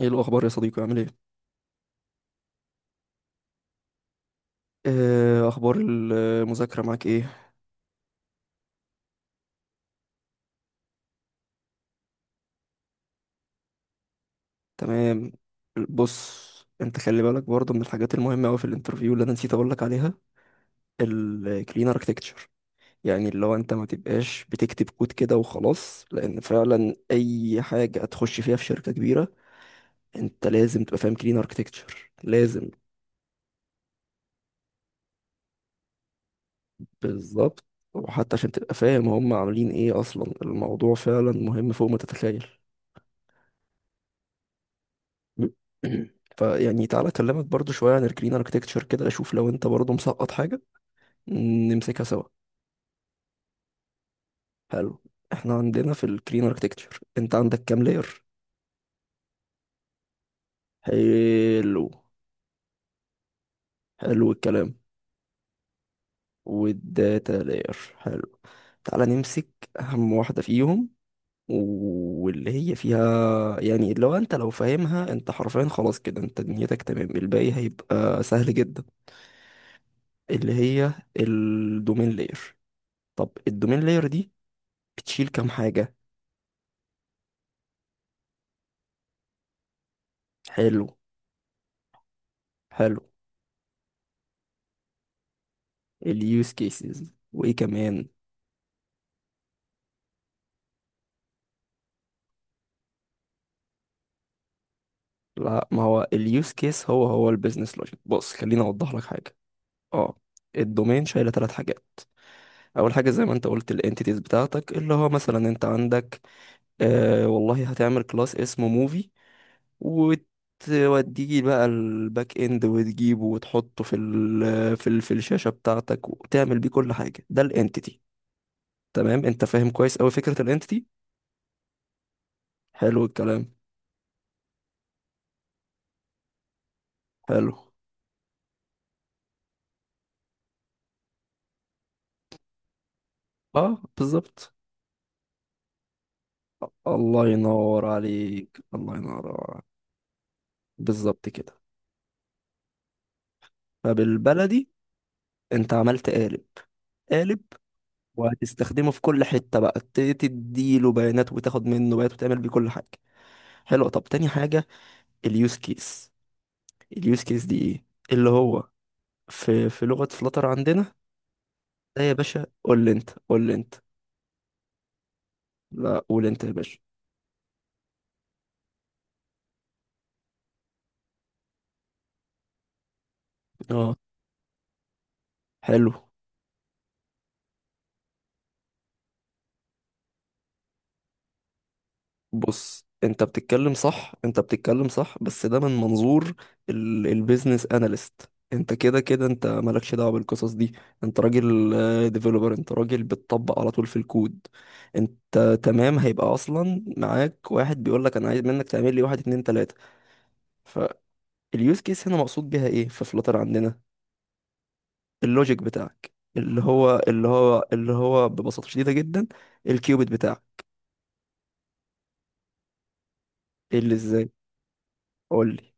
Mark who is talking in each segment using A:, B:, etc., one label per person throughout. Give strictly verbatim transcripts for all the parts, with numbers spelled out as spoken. A: ايه الاخبار يا صديقي، عامل ايه؟ آه، اخبار المذاكره معاك ايه؟ تمام. بص، انت خلي بالك برضه من الحاجات المهمه قوي في الانترفيو اللي انا نسيت اقول لك عليها، الكلين اركتكتشر. يعني اللي هو انت ما تبقاش بتكتب كود كده وخلاص، لان فعلا اي حاجه هتخش فيها في شركه كبيره انت لازم تبقى فاهم كلين اركتكتشر، لازم. بالظبط. وحتى عشان تبقى فاهم هم عاملين ايه اصلا، الموضوع فعلا مهم فوق ما تتخيل. فيعني تعالى اكلمك برضو شوية عن الجرين اركتكتشر كده، اشوف لو انت برضو مسقط حاجة نمسكها سوا. حلو. احنا عندنا في الجرين اركتكتشر، انت عندك كام لاير؟ حلو. حلو الكلام. والداتا لاير، حلو. تعالى نمسك اهم واحدة فيهم، واللي هي فيها يعني لو انت لو فاهمها انت حرفيا خلاص كده، انت دنيتك تمام، الباقي هيبقى سهل جدا. اللي هي الدومين لاير. طب الدومين لاير دي بتشيل كام حاجة؟ حلو. حلو. اليوز كيسز وايه كمان؟ لا، ما هو اليوز كيس هو هو البيزنس لوجيك. بص خليني اوضح لك حاجة. اه. الدومين شايلة ثلاث حاجات. اول حاجة زي ما انت قلت الانتيتيز بتاعتك، اللي هو مثلا انت عندك آه والله هتعمل كلاس اسمه موفي، وتوديه بقى الباك اند وتجيبه وتحطه في ال في ال في الشاشة بتاعتك وتعمل بيه كل حاجة. ده الانتيتي. تمام، انت فاهم كويس اوي فكرة الانتيتي. حلو الكلام. حلو. اه، بالظبط. الله ينور عليك، الله ينور عليك. بالظبط كده. فبالبلدي، انت عملت قالب. قالب. وهتستخدمه في كل حتة بقى ت- تديله بيانات وتاخد منه بيانات وتعمل بيه كل حاجة. حلو، طب تاني حاجة. اليوز كيس. اليوز كيس دي ايه؟ اللي هو في في لغة فلاتر عندنا. ده يا باشا قول لي انت، قول لي انت. لا، قول انت يا باشا. اه. حلو. بص، انت بتتكلم صح، انت بتتكلم صح، بس ده من منظور ال- البيزنس اناليست. انت كده كده انت مالكش دعوه بالقصص دي. انت راجل ديفلوبر، انت راجل بتطبق على طول في الكود. انت تمام، هيبقى اصلا معاك واحد بيقول لك انا عايز منك تعمل لي واحد اتنين تلاته. فاليوز كيس هنا مقصود بيها ايه في فلاتر عندنا؟ اللوجيك بتاعك، اللي هو اللي هو اللي هو ببساطه شديده جدا الكيوبيت بتاعك. ايه اللي ازاي؟ قول لي.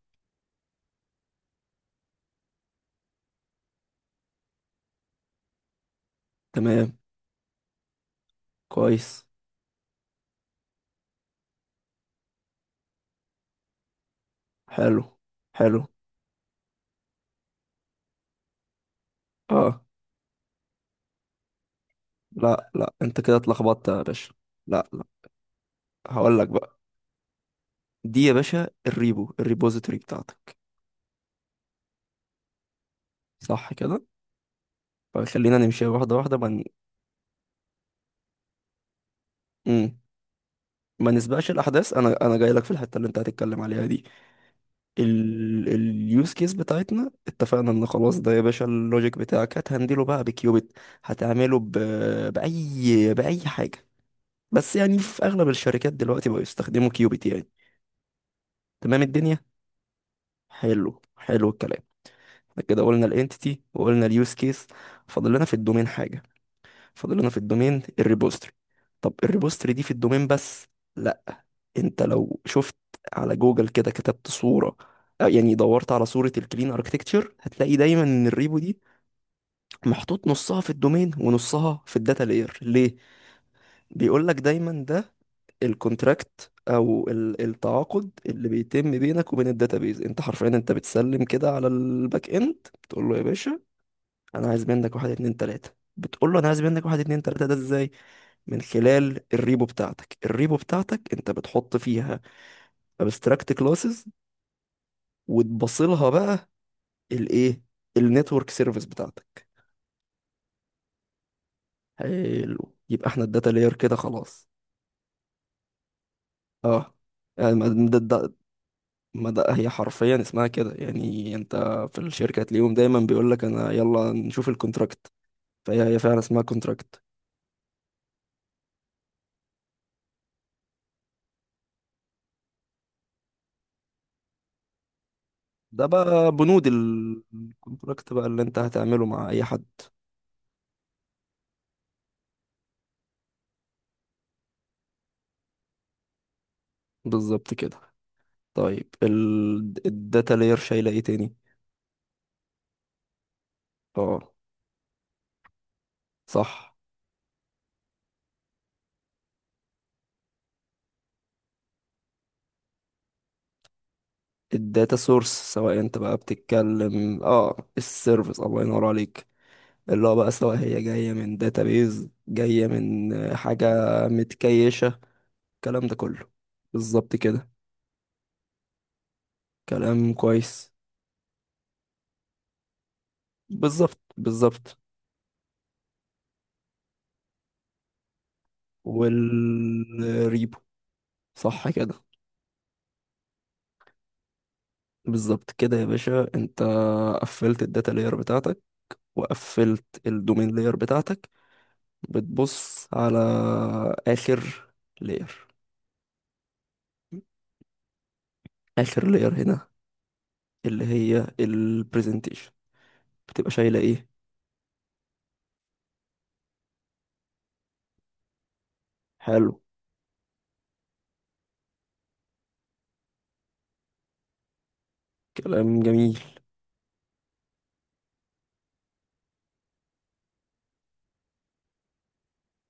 A: تمام. كويس. حلو. حلو. اه. لا لا، انت كده اتلخبطت يا باشا. لا لا. هقول لك بقى. دي يا باشا الريبو، الريبوزيتوري بتاعتك. صح كده. فخلينا نمشي واحده واحده، ما ن... مم. ما نسبقش الاحداث. انا انا جاي لك في الحته اللي انت هتتكلم عليها دي. ال... اليوز كيس بتاعتنا اتفقنا ان خلاص، ده يا باشا اللوجيك بتاعك هتهندله بقى بكيوبيت. هتعمله ب... باي باي حاجه. بس يعني في اغلب الشركات دلوقتي بقوا يستخدموا كيوبيت يعني. تمام الدنيا. حلو. حلو الكلام. كده قلنا الانتيتي وقلنا اليوز كيس. فاضل لنا في الدومين حاجه. فاضل لنا في الدومين الريبوستري. طب الريبوستري دي في الدومين بس؟ لا. انت لو شفت على جوجل كده، كتبت صوره، آه، يعني دورت على صوره الكلين اركتكتشر، هتلاقي دايما ان الريبو دي محطوط نصها في الدومين ونصها في الداتا لاير، ليه؟ بيقول لك دايما ده الكونتراكت او ال- التعاقد اللي بيتم بينك وبين الداتابيز. انت حرفيا انت بتسلم كده على الباك اند، تقول له يا باشا انا عايز منك واحد اتنين تلاتة. بتقول له انا عايز منك واحد اتنين تلاتة، ده ازاي؟ من خلال الريبو بتاعتك. الريبو بتاعتك انت بتحط فيها abstract classes وتبصلها بقى الايه النتورك سيرفيس بتاعتك. حلو، يبقى احنا الداتا لاير كده خلاص. اه. يعني ما ده ده- ما ده هي حرفيا اسمها كده، يعني انت في الشركه تلاقيهم دايما بيقول لك انا يلا نشوف الكونتراكت. فهي هي فعلا اسمها كونتراكت. ده بقى بنود الكونتراكت بقى اللي انت هتعمله مع اي حد. بالظبط كده. طيب ال... الداتا لاير شايله ايه تاني؟ اه، صح. الداتا سورس. سواء انت بقى بتتكلم اه السيرفيس، الله ينور عليك. اللي هو بقى سواء هي جايه من داتابيز، جايه من آه، حاجه متكيشه، الكلام ده كله. بالظبط كده. كلام كويس. بالظبط، بالظبط. والريبو، صح كده. بالظبط كده يا باشا، انت قفلت الداتا لاير بتاعتك، وقفلت الدومين لاير بتاعتك. بتبص على آخر لاير. آخر لاير هنا، اللي هي البرزنتيشن، بتبقى شايلة ايه؟ حلو. كلام جميل.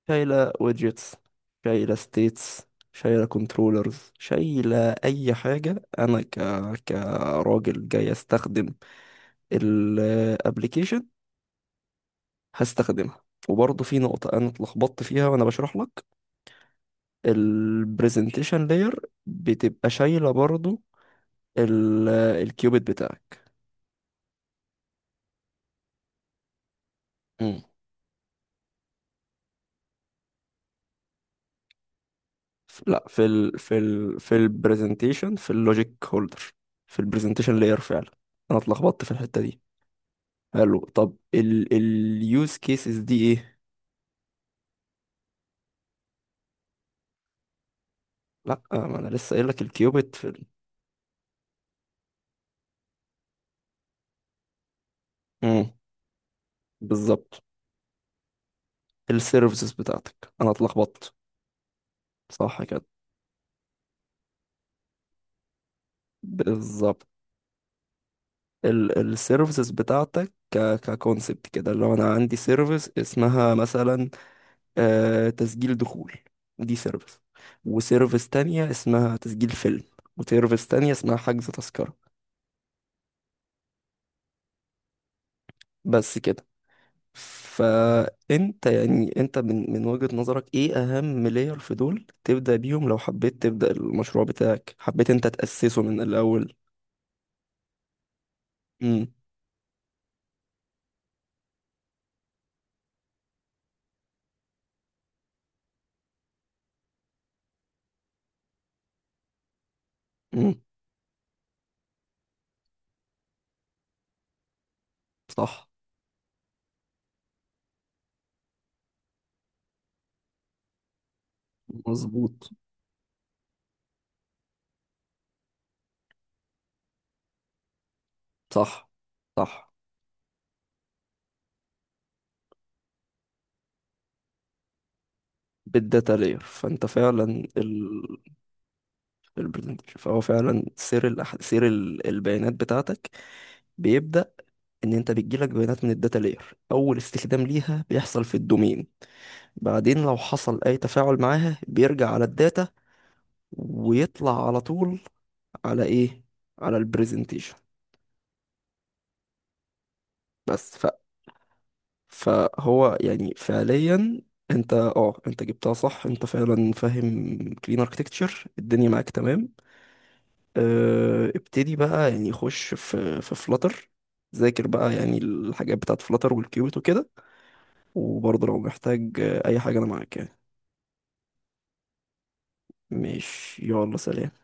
A: شايلة ويدجتس، شايلة ستيتس، شايلة كنترولرز، شايلة أي حاجة أنا ك... كراجل جاي أستخدم الابليكيشن هستخدمها. وبرضه في نقطة أنا اتلخبطت فيها وأنا بشرح لك. البرزنتيشن لاير بتبقى شايلة برضه ال- الكيوبيت بتاعك. مم. ف- لا، في ال في ال في البرزنتيشن، في اللوجيك هولدر. في البرزنتيشن لاير فعلا. انا اتلخبطت في الحته دي. حلو. طب ال اليوز كيسز دي ايه؟ لا، ما انا لسه قايل لك الكيوبيت في ال- مم. بالظبط. السيرفيسز بتاعتك انا اتلخبطت. صح كده. بالظبط. السيرفيسز بتاعتك ك ككونسبت كده. لو انا عندي سيرفيس اسمها مثلا آه تسجيل دخول، ودي سيرفيس. وسيرفيس تانية اسمها تسجيل فيلم. وسيرفيس تانية اسمها حجز تذكرة. بس كده. فانت يعني انت من من وجهة نظرك ايه اهم لاير في دول تبدأ بيهم، لو حبيت تبدأ المشروع بتاعك، حبيت انت تأسسه من الاول؟ امم امم صح، مظبوط. صح، صح. بالداتا لاير، فانت فعلا ال البرزنتيشن. فهو فعلا سير الأح... سير ال- البيانات بتاعتك بيبدأ، ان انت بتجيلك بيانات من الداتا لاير، اول استخدام ليها بيحصل في الدومين. بعدين لو حصل اي تفاعل معاها بيرجع على الداتا ويطلع على طول على ايه؟ على البرزنتيشن. بس ف... فهو يعني فعليا انت اه انت جبتها صح. انت فعلا فاهم كلين اركتكتشر، الدنيا معاك تمام. اه، ابتدي بقى يعني، خش في في فلاتر. ذاكر بقى يعني الحاجات بتاعت فلاتر والكيوت وكده. وبرضه لو محتاج آه، اي حاجة انا معاك يعني. ماشي، يلا سلام.